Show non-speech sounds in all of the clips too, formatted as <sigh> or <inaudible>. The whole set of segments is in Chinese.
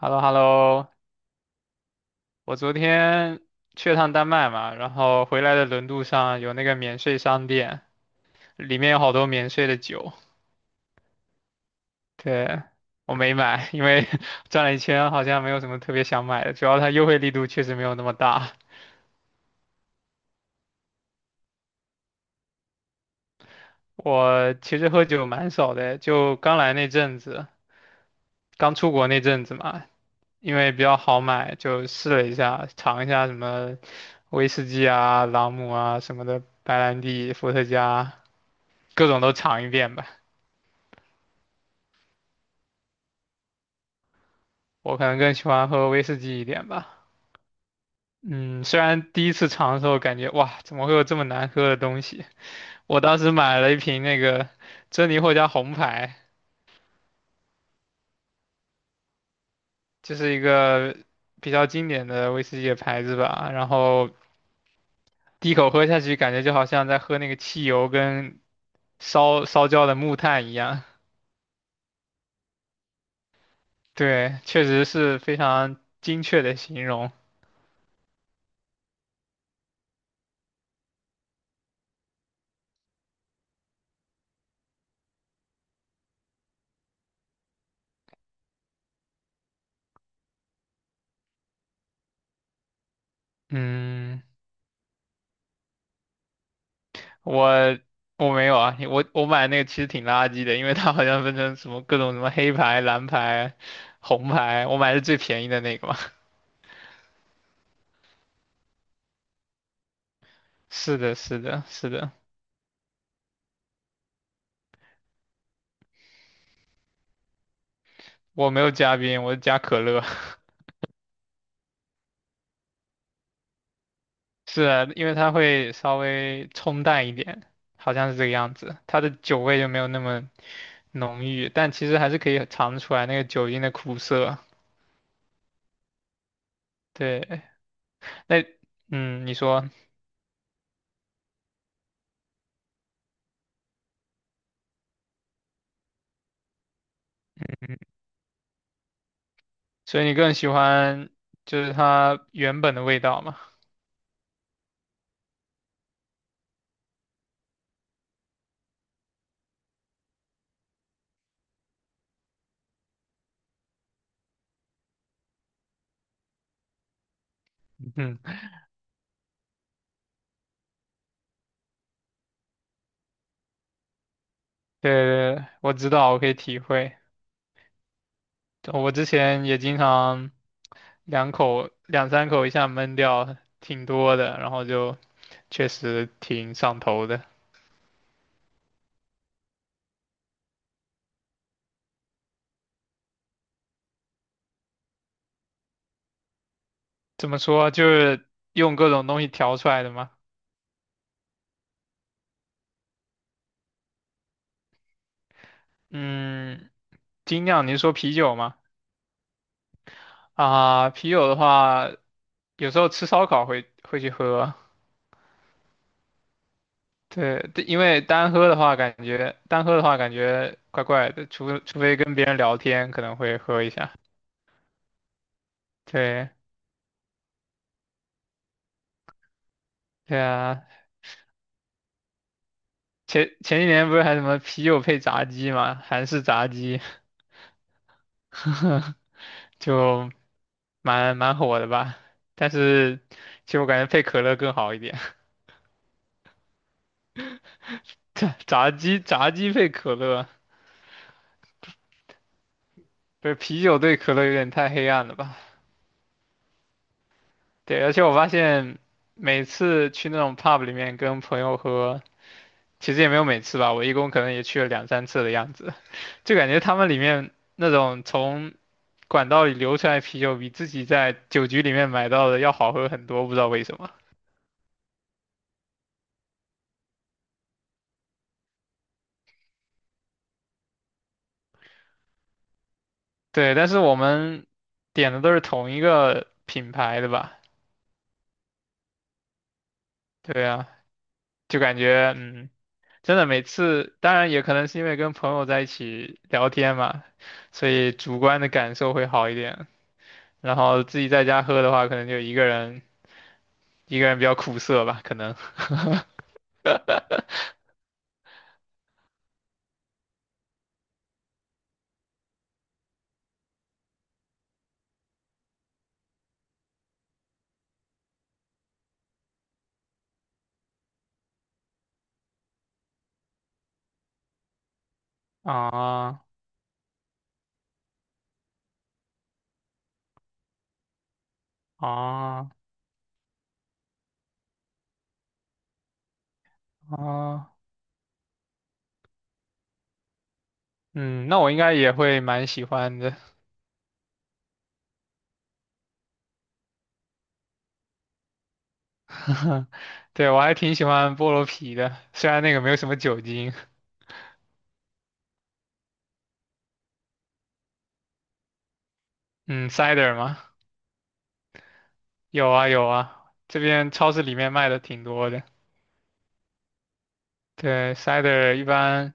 h e l l o h e l l o 我昨天去了趟丹麦嘛，然后回来的轮渡上有那个免税商店，里面有好多免税的酒。对，我没买，因为 <laughs> 转了一圈好像没有什么特别想买的，主要它优惠力度确实没有那么大。我其实喝酒蛮少的，就刚来那阵子，刚出国那阵子嘛，因为比较好买，就试了一下，尝一下什么威士忌啊、朗姆啊什么的，白兰地、伏特加，各种都尝一遍吧。我可能更喜欢喝威士忌一点吧。嗯，虽然第一次尝的时候感觉哇，怎么会有这么难喝的东西？我当时买了一瓶那个珍妮获加红牌，就是一个比较经典的威士忌的牌子吧。然后第一口喝下去，感觉就好像在喝那个汽油跟烧焦的木炭一样。对，确实是非常精确的形容。嗯，我我没有啊，我买那个其实挺垃圾的，因为它好像分成什么各种什么黑牌、蓝牌、红牌，我买的最便宜的那个嘛。<laughs> 是的，是的，是的，我没有加冰，我加可乐。<laughs> 是啊，因为它会稍微冲淡一点，好像是这个样子，它的酒味就没有那么浓郁，但其实还是可以尝出来那个酒精的苦涩。对，那嗯，你说，所以你更喜欢就是它原本的味道嘛？嗯。对，我知道，我可以体会。我之前也经常两口、两三口一下闷掉，挺多的，然后就确实挺上头的。怎么说，就是用各种东西调出来的嘛。嗯，精酿，你是说啤酒吗？啊，啤酒的话，有时候吃烧烤会去喝。对，对因为单喝的话，感觉单喝的话感觉怪怪的，除非跟别人聊天，可能会喝一下。对。对啊，前几年不是还什么啤酒配炸鸡嘛，韩式炸鸡，<laughs> 就蛮火的吧。但是其实我感觉配可乐更好一点，<laughs> 炸鸡配可乐，不是啤酒对可乐有点太黑暗了吧？对，而且我发现每次去那种 pub 里面跟朋友喝，其实也没有每次吧，我一共可能也去了两三次的样子，<laughs> 就感觉他们里面那种从管道里流出来啤酒比自己在酒局里面买到的要好喝很多，不知道为什么。对，但是我们点的都是同一个品牌的吧？对啊，就感觉嗯，真的每次，当然也可能是因为跟朋友在一起聊天嘛，所以主观的感受会好一点。然后自己在家喝的话，可能就一个人比较苦涩吧，可能。<laughs> 啊啊啊！嗯，那我应该也会蛮喜欢的。<laughs> 对，我还挺喜欢菠萝啤的，虽然那个没有什么酒精。嗯，cider 吗？有啊有啊，这边超市里面卖的挺多的。对，cider 一般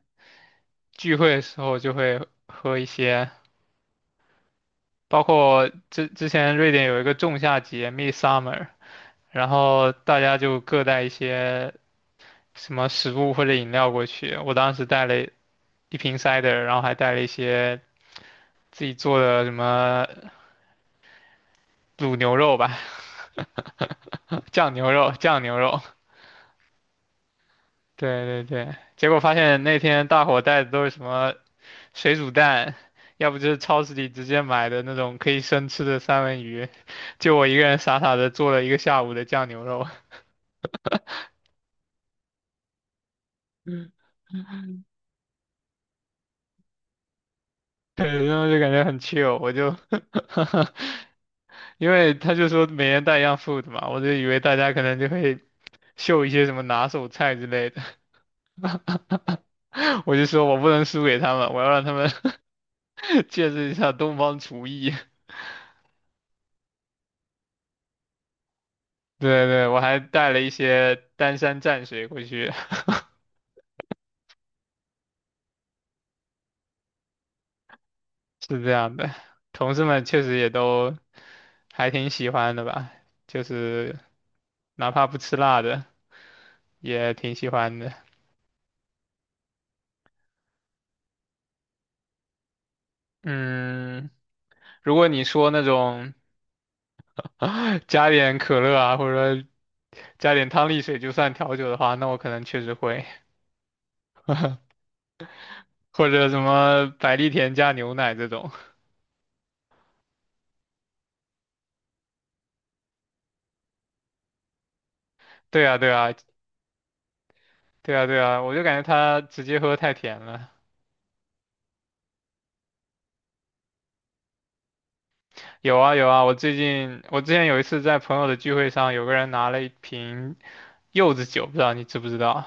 聚会的时候就会喝一些，包括之前瑞典有一个仲夏节（ （Midsummer），然后大家就各带一些什么食物或者饮料过去。我当时带了一瓶 cider，然后还带了一些自己做的什么卤牛肉吧，酱牛肉，酱牛肉。对对对，结果发现那天大伙带的都是什么水煮蛋，要不就是超市里直接买的那种可以生吃的三文鱼，就我一个人傻傻的做了一个下午的酱牛肉，<laughs> 对，然后就感觉很 chill，我就，<laughs> 因为他就说每人带一样 food 嘛，我就以为大家可能就会秀一些什么拿手菜之类的，<laughs> 我就说我不能输给他们，我要让他们 <laughs> 见识一下东方厨艺。对对，我还带了一些丹山蘸水过去，<laughs> 是这样的。同事们确实也都还挺喜欢的吧，就是哪怕不吃辣的也挺喜欢的。嗯，如果你说那种 <laughs> 加点可乐啊，或者说加点汤力水就算调酒的话，那我可能确实会，或者什么百利甜加牛奶这种。对啊，对啊，对啊，对啊，我就感觉它直接喝太甜了。有啊有啊，我最近我之前有一次在朋友的聚会上，有个人拿了一瓶柚子酒，不知道你知不知道？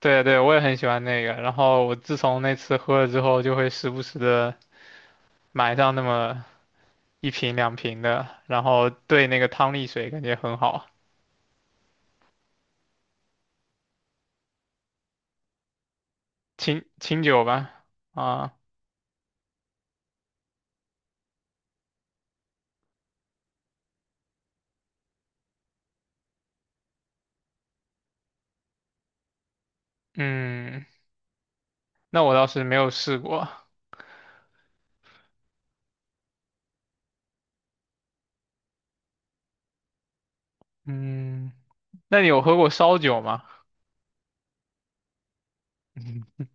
对啊对啊，我也很喜欢那个。然后我自从那次喝了之后，就会时不时的买上那么一瓶两瓶的，然后兑那个汤力水，感觉很好，清酒吧。啊，嗯，那我倒是没有试过。嗯，那你有喝过烧酒吗？<laughs> 嗯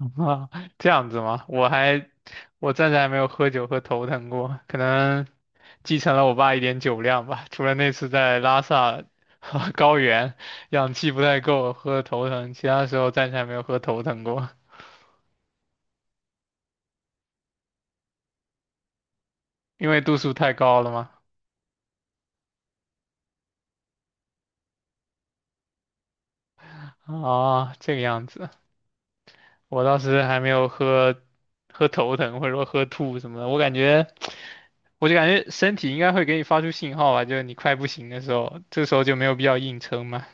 <laughs> 啊，这样子吗？我暂时还没有喝酒喝头疼过，可能继承了我爸一点酒量吧。除了那次在拉萨 <laughs> 高原氧气不太够喝的头疼，其他时候暂时还没有喝头疼过，因为度数太高了嘛。啊，这个样子，我当时还没有喝头疼或者说喝吐什么的，我感觉。我就感觉身体应该会给你发出信号吧，就是你快不行的时候，这时候就没有必要硬撑嘛。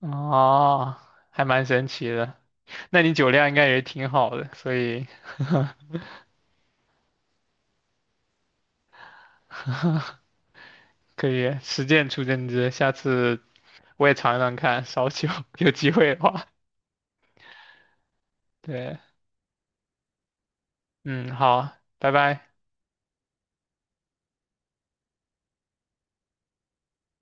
哦，还蛮神奇的。那你酒量应该也挺好的，所以可以实践出真知。下次我也尝尝看烧酒，<laughs> 有机会的话。对，嗯，好，拜拜。